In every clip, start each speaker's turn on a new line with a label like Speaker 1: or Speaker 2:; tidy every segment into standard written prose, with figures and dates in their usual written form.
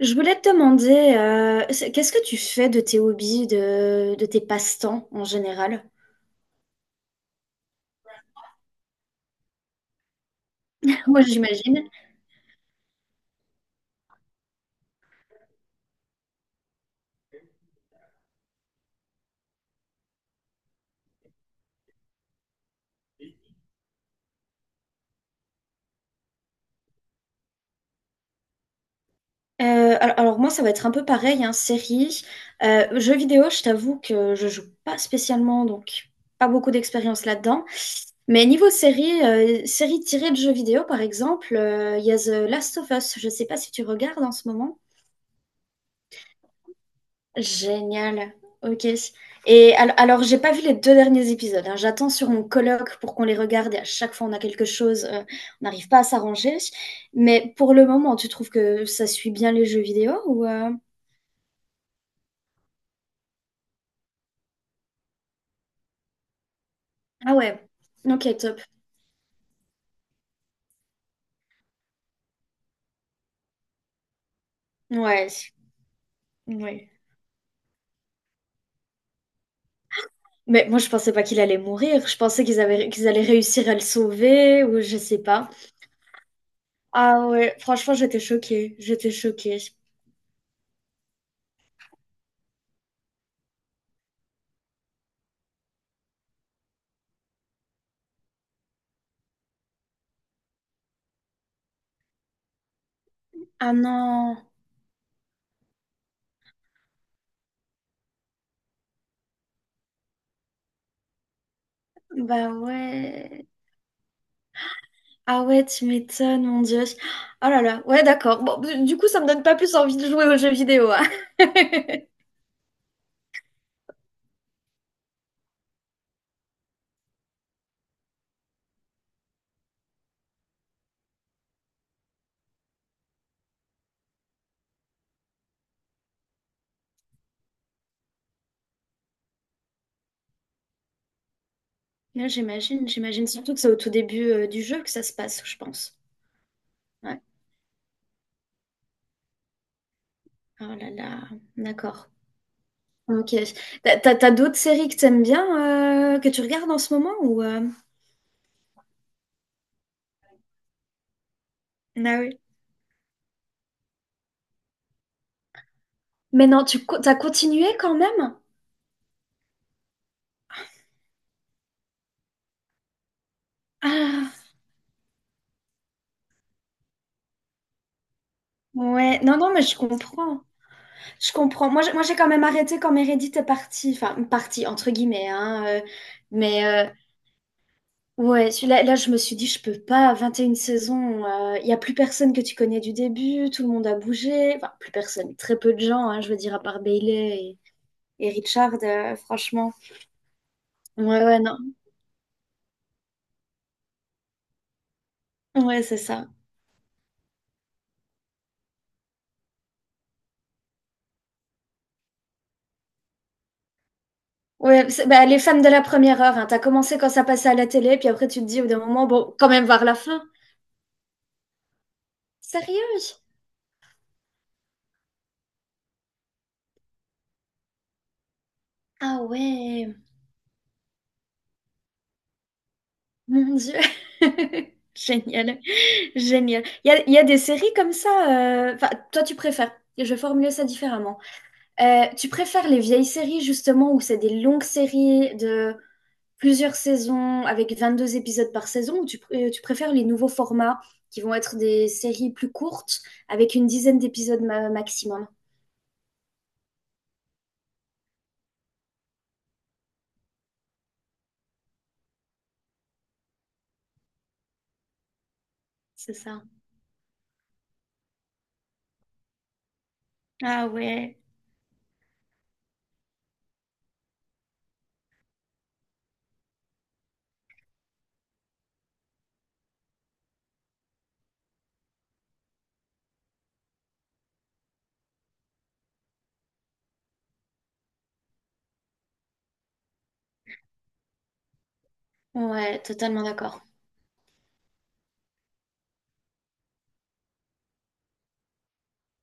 Speaker 1: Je voulais te demander, qu'est-ce que tu fais de tes hobbies, de tes passe-temps en général? Moi, j'imagine. Alors, moi, ça va être un peu pareil, hein, série. Jeux vidéo, je t'avoue que je joue pas spécialement, donc pas beaucoup d'expérience là-dedans. Mais niveau série, série tirée de jeux vidéo, par exemple, il y a The Last of Us. Je sais pas si tu regardes en ce moment. Génial. Ok. Et alors, j'ai pas vu les deux derniers épisodes, hein. J'attends sur mon colloque pour qu'on les regarde. Et à chaque fois, on a quelque chose, on n'arrive pas à s'arranger. Mais pour le moment, tu trouves que ça suit bien les jeux vidéo ou... Ah ouais. Ok, top. Ouais. Ouais. Mais moi, je pensais pas qu'il allait mourir. Je pensais qu'ils avaient, qu'ils allaient réussir à le sauver ou je sais pas. Ah ouais. Franchement, j'étais choquée. J'étais choquée. Ah non. Bah ouais. Ah ouais, tu m'étonnes, mon Dieu. Oh là là, ouais, d'accord. Bon, du coup, ça me donne pas plus envie de jouer aux jeux vidéo, hein. Ouais, j'imagine, j'imagine surtout que c'est au tout début du jeu que ça se passe, je pense. Ouais. Oh là là, d'accord. Ok. T'as d'autres séries que t'aimes bien, que tu regardes en ce moment ou... Ah oui. Mais non, t'as continué quand même? Ah, ouais. Non, non, mais je comprends. Je comprends. Moi, j'ai quand même arrêté quand Meredith est partie. Enfin, partie, entre guillemets, hein. mais euh, Ouais, celui-là, là, je me suis dit, je peux pas, 21 saisons, il y a plus personne que tu connais du début, tout le monde a bougé, enfin, plus personne, très peu de gens, hein, je veux dire, à part Bailey et Richard, franchement. Ouais, ouais, non, ouais, c'est ça. Ouais, bah, les fans de la première heure, hein, t'as commencé quand ça passait à la télé, puis après, tu te dis, au bout d'un moment, bon, quand même voir la fin. Sérieux? Ah ouais, mon Dieu. Génial, génial. Il y a des séries comme ça, enfin, toi, tu préfères, je vais formuler ça différemment. Tu préfères les vieilles séries justement où c'est des longues séries de plusieurs saisons avec 22 épisodes par saison ou tu préfères les nouveaux formats qui vont être des séries plus courtes avec une dizaine d'épisodes maximum? C'est ça. Ah ouais. Ouais, totalement d'accord.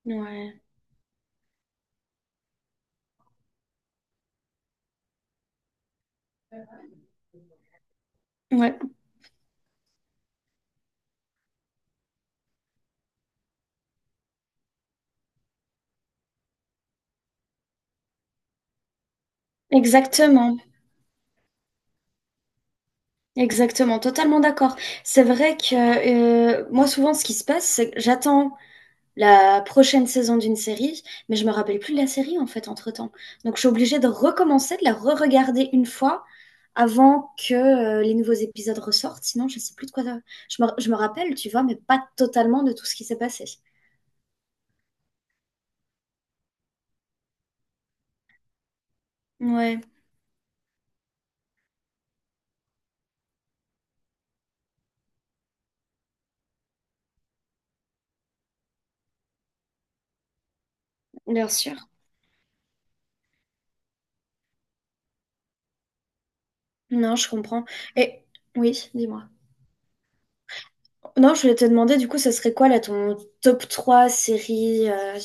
Speaker 1: Ouais, ouais, exactement, exactement, totalement d'accord. C'est vrai que moi souvent ce qui se passe, c'est que j'attends la prochaine saison d'une série, mais je me rappelle plus de la série en fait entre-temps. Donc je suis obligée de recommencer, de la re-regarder une fois avant que les nouveaux épisodes ressortent, sinon je sais plus de quoi. Je me rappelle, tu vois, mais pas totalement de tout ce qui s'est passé. Ouais, bien sûr. Non, je comprends. Et oui, dis-moi. Non, je voulais te demander, du coup, ce serait quoi là ton top 3 séries euh,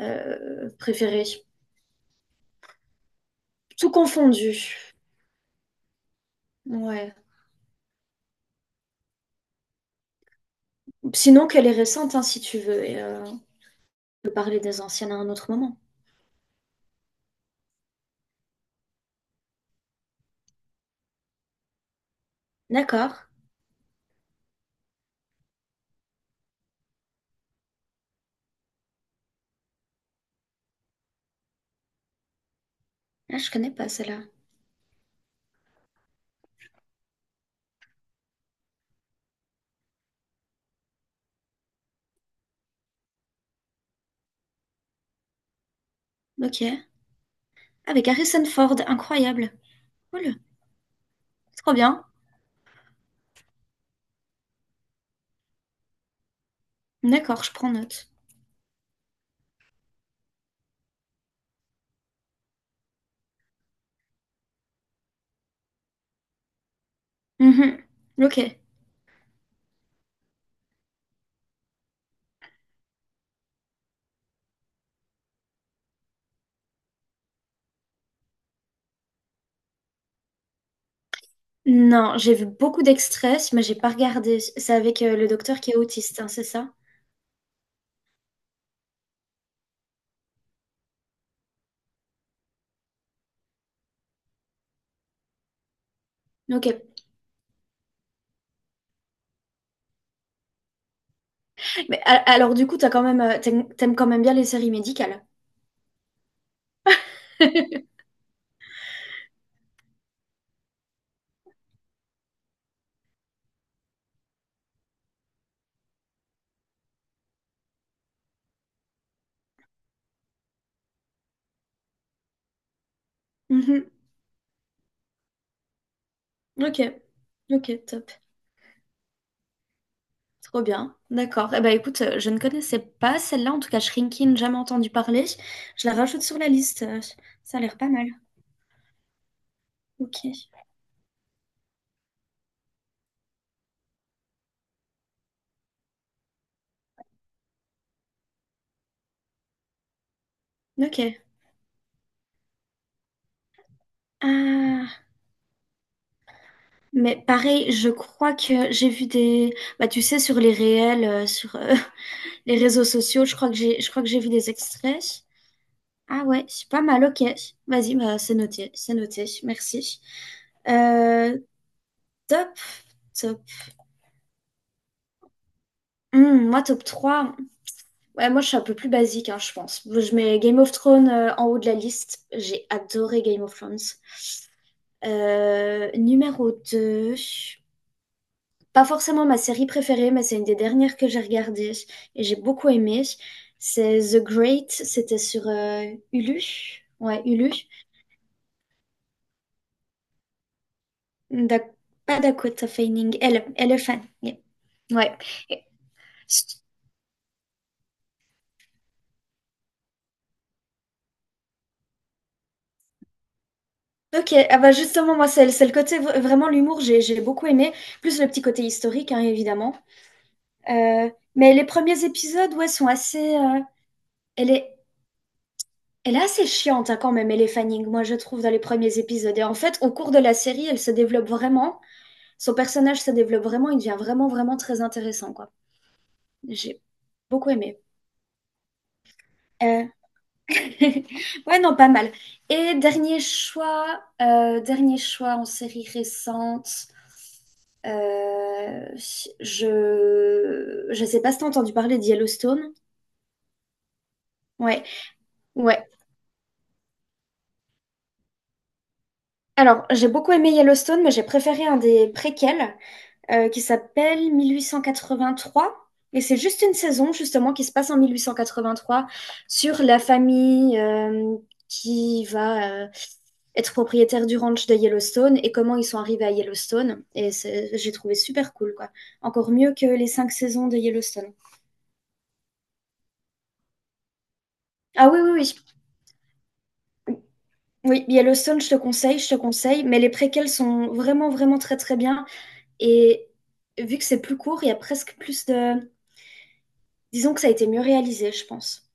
Speaker 1: euh, préférées? Tout confondu. Ouais. Sinon, qu'elle est récente, hein, si tu veux, et peut parler des anciennes à un autre moment. D'accord. Ah, je connais pas celle-là. Ok. Avec Harrison Ford, incroyable. Cool. Trop bien. D'accord, je prends note. Mhm. Ok. Non, j'ai vu beaucoup d'extraits, mais j'ai pas regardé. C'est avec le docteur qui est autiste, hein, c'est ça? Ok. Mais alors du coup, t'as quand même, t'aimes quand même bien les séries médicales. Mhm. Ok. Ok, top. Trop bien, d'accord. Eh ben écoute, je ne connaissais pas celle-là, en tout cas Shrinkin, jamais entendu parler. Je la rajoute sur la liste, ça a l'air pas mal. Ok, ok. Ah, mais pareil, je crois que j'ai vu des. Bah tu sais, sur les réels, sur les réseaux sociaux, je crois que j'ai vu des extraits. Ah ouais, c'est pas mal, ok. Vas-y, bah c'est noté, merci. Euh, Top, top. Hmm, moi, top 3. Ouais, moi, je suis un peu plus basique, hein, je pense. Je mets Game of Thrones en haut de la liste. J'ai adoré Game of Thrones. Numéro 2, pas forcément ma série préférée, mais c'est une des dernières que j'ai regardées et j'ai beaucoup aimé. C'est The Great, c'était sur Hulu. Ouais, Hulu. Da- Pas Dakota Fanning, elle, Elephant. Yeah. Ouais. Et- Ok, ah bah justement, moi, c'est le côté vraiment l'humour, j'ai beaucoup aimé, plus le petit côté historique, hein, évidemment. Euh, mais les premiers épisodes, ouais, sont assez. elle est, elle est assez chiante hein, quand même, elle est Fanning, moi je trouve, dans les premiers épisodes. Et en fait, au cours de la série, elle se développe vraiment. Son personnage se développe vraiment. Il devient vraiment, vraiment très intéressant, quoi. J'ai beaucoup aimé. Euh, Ouais, non, pas mal. Et dernier choix en série récente. euh, je sais pas si t'as entendu parler de Yellowstone. Ouais, ouais. Alors, j'ai beaucoup aimé Yellowstone, mais j'ai préféré un des préquels qui s'appelle 1883. Et c'est juste une saison, justement, qui se passe en 1883 sur la famille qui va être propriétaire du ranch de Yellowstone et comment ils sont arrivés à Yellowstone. Et j'ai trouvé super cool, quoi. Encore mieux que les cinq saisons de Yellowstone. Ah oui, oui, oui. Oui, Yellowstone, je te conseille, je te conseille. Mais les préquels sont vraiment, vraiment très, très bien. Et vu que c'est plus court, il y a presque plus de. Disons que ça a été mieux réalisé, je pense.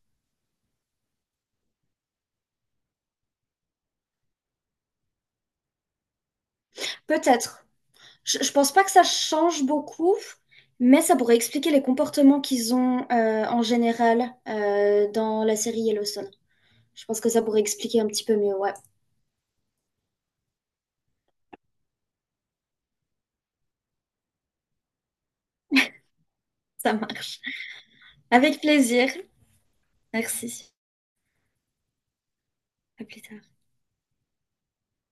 Speaker 1: Peut-être. Je pense pas que ça change beaucoup, mais ça pourrait expliquer les comportements qu'ils ont en général dans la série Yellowstone. Je pense que ça pourrait expliquer un petit peu mieux, ouais. Ça marche. Avec plaisir. Merci. À plus tard.